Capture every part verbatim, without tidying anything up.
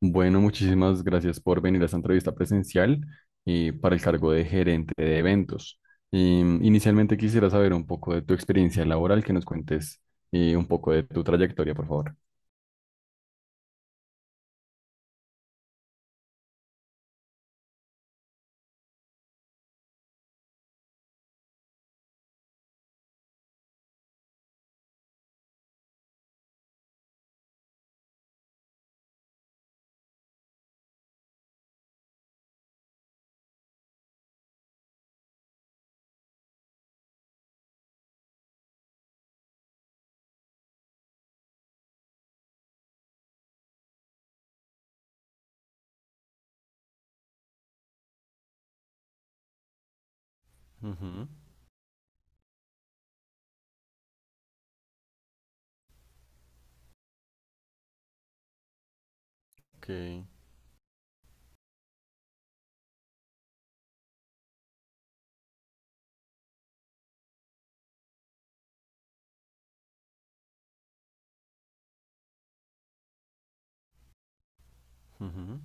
Bueno, muchísimas gracias por venir a esta entrevista presencial eh, para el cargo de gerente de eventos. Em, inicialmente quisiera saber un poco de tu experiencia laboral, que nos cuentes eh, un poco de tu trayectoria, por favor. Ujú. Ok. Ujú.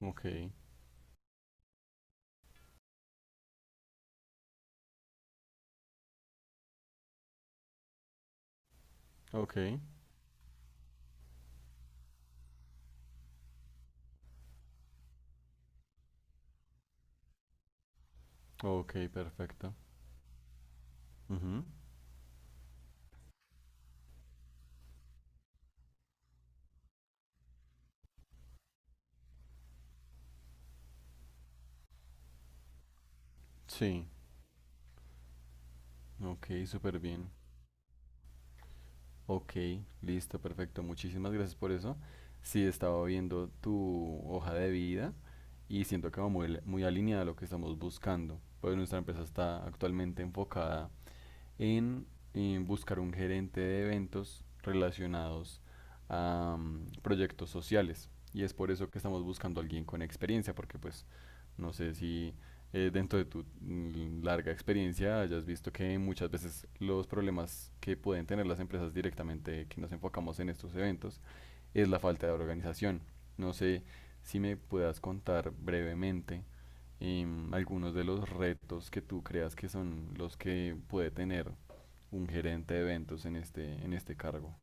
Ok, ok, ok, perfecto. Ujú. Sí, ok, súper bien. Ok, listo, perfecto. Muchísimas gracias por eso. Sí, estaba viendo tu hoja de vida y siento que va muy, muy alineada a lo que estamos buscando. Pues nuestra empresa está actualmente enfocada en, eh, buscar un gerente de eventos relacionados a mm, proyectos sociales. Y es por eso que estamos buscando a alguien con experiencia, porque pues no sé si eh, dentro de tu mm, larga experiencia hayas visto que muchas veces los problemas que pueden tener las empresas directamente que nos enfocamos en estos eventos es la falta de organización. No sé si me puedas contar brevemente em, algunos de los retos que tú creas que son los que puede tener un gerente de eventos en este, en este cargo.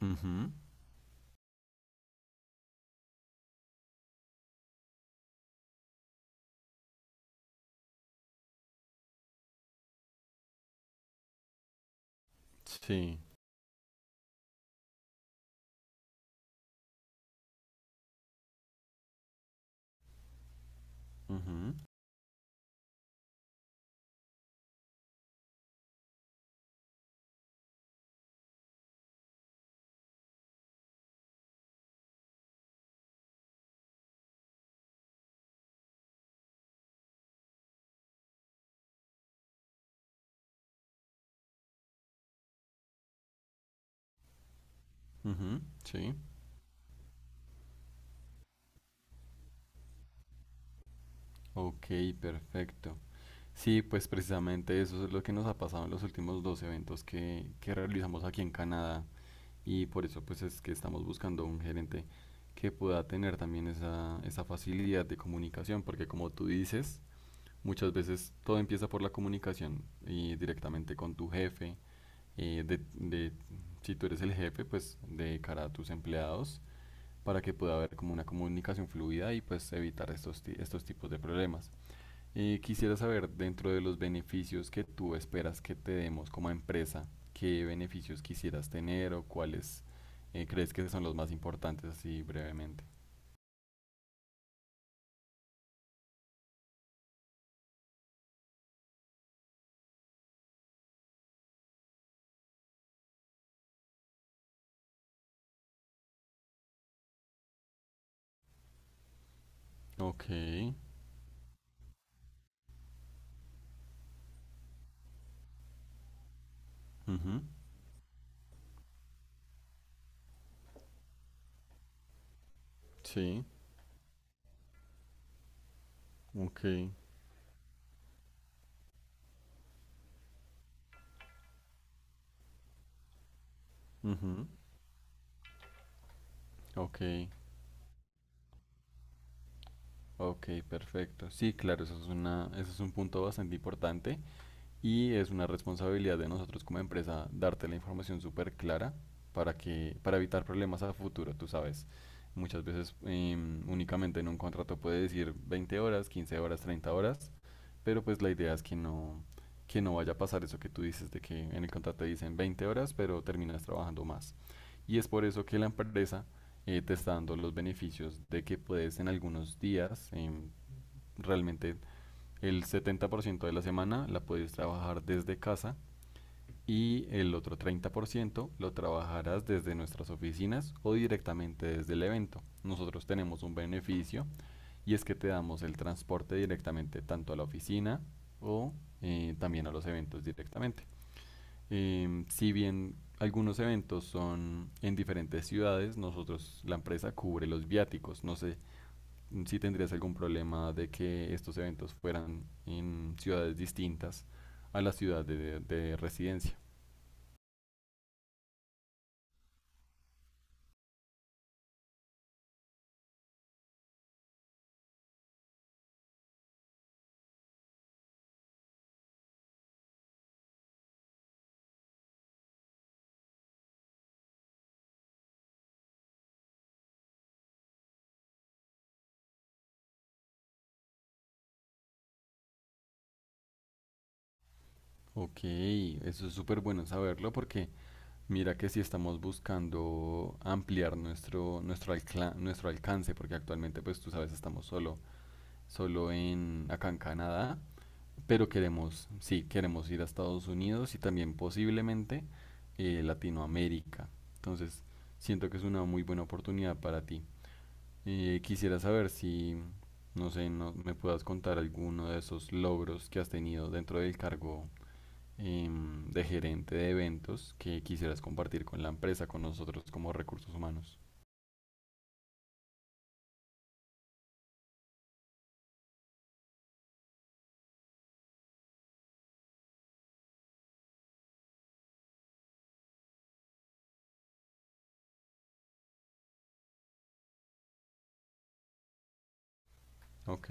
Ujú. Sí. Ujú. Ujú. Sí. Ok, perfecto. Sí, pues precisamente eso es lo que nos ha pasado en los últimos dos eventos que, que realizamos aquí en Canadá, y por eso pues es que estamos buscando un gerente que pueda tener también esa, esa facilidad de comunicación, porque como tú dices, muchas veces todo empieza por la comunicación y directamente con tu jefe eh, de, de- si tú eres el jefe, pues de cara a tus empleados, para que pueda haber como una comunicación fluida y pues evitar estos, ti- estos tipos de problemas. Eh, quisiera saber, dentro de los beneficios que tú esperas que te demos como empresa, ¿qué beneficios quisieras tener o cuáles eh, crees que son los más importantes así brevemente? Ok. Ujú. Sí. Ok. Ujú. Ok, ok, perfecto. Sí, claro, eso es una, eso es un punto bastante importante. Y es una responsabilidad de nosotros como empresa darte la información súper clara para que, para evitar problemas a futuro, tú sabes. Muchas veces em, únicamente en un contrato puede decir veinte horas, quince horas, treinta horas, pero pues la idea es que no, que no vaya a pasar eso que tú dices de que en el contrato dicen veinte horas, pero terminas trabajando más. Y es por eso que la empresa eh, te está dando los beneficios de que puedes en algunos días em, realmente el setenta por ciento de la semana la puedes trabajar desde casa y el otro treinta por ciento lo trabajarás desde nuestras oficinas o directamente desde el evento. Nosotros tenemos un beneficio y es que te damos el transporte directamente tanto a la oficina o eh, también a los eventos directamente. Em, si bien algunos eventos son en diferentes ciudades, nosotros, la empresa cubre los viáticos. No sé si tendrías algún problema de que estos eventos fueran en ciudades distintas a la ciudad de, de residencia. Ok, eso es súper bueno saberlo porque mira que si estamos buscando ampliar nuestro, nuestro, alcla- nuestro alcance, porque actualmente pues tú sabes estamos solo, solo en, acá en Canadá, pero queremos, sí, queremos ir a Estados Unidos y también posiblemente eh, Latinoamérica. Entonces siento que es una muy buena oportunidad para ti. Eh, quisiera saber si, no sé, no, me puedas contar alguno de esos logros que has tenido dentro del cargo em, de gerente de eventos que quisieras compartir con la empresa, con nosotros como recursos humanos. Ok.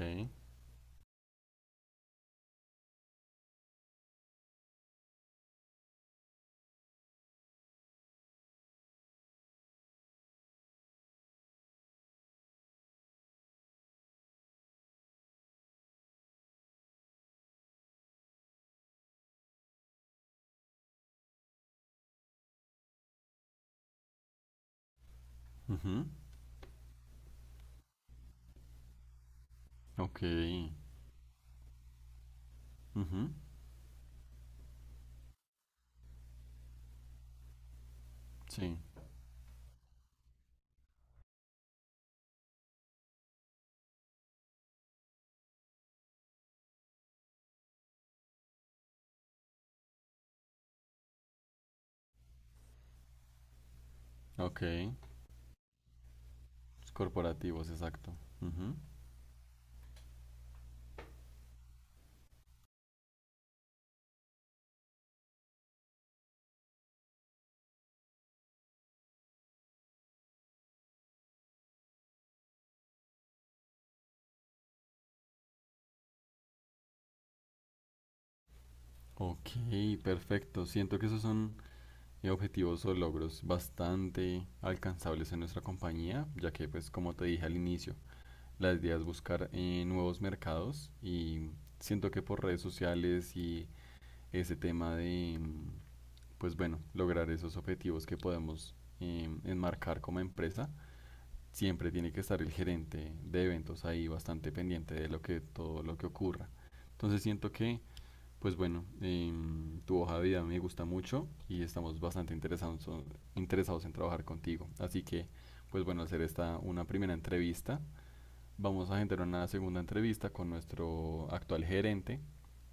Ujú. Ok. Ujú. Sí. Ok, los corporativos, exacto. Ujú. Ok, perfecto. Siento que esos son eh, objetivos o logros bastante alcanzables en nuestra compañía, ya que pues como te dije al inicio, la idea es buscar eh, nuevos mercados y siento que por redes sociales y ese tema de, mm, pues bueno, lograr esos objetivos que podemos eh, enmarcar como empresa, siempre tiene que estar el gerente de eventos ahí bastante pendiente de lo que, todo lo que ocurra. Entonces siento que, pues bueno, em, tu hoja de vida me gusta mucho y estamos bastante interesados, interesados en trabajar contigo. Así que, pues bueno, hacer esta una primera entrevista. Vamos a generar una segunda entrevista con nuestro actual gerente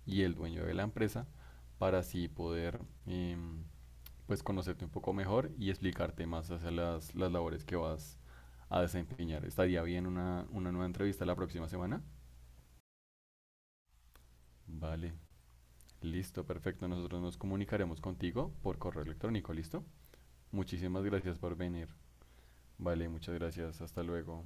y el dueño de la empresa para así poder em, pues conocerte un poco mejor y explicarte más hacia las, las labores que vas a desempeñar. ¿Estaría bien una, una nueva entrevista la próxima semana? Vale, listo, perfecto. Nosotros nos comunicaremos contigo por correo electrónico, ¿listo? Muchísimas gracias por venir. Vale, muchas gracias. Hasta luego.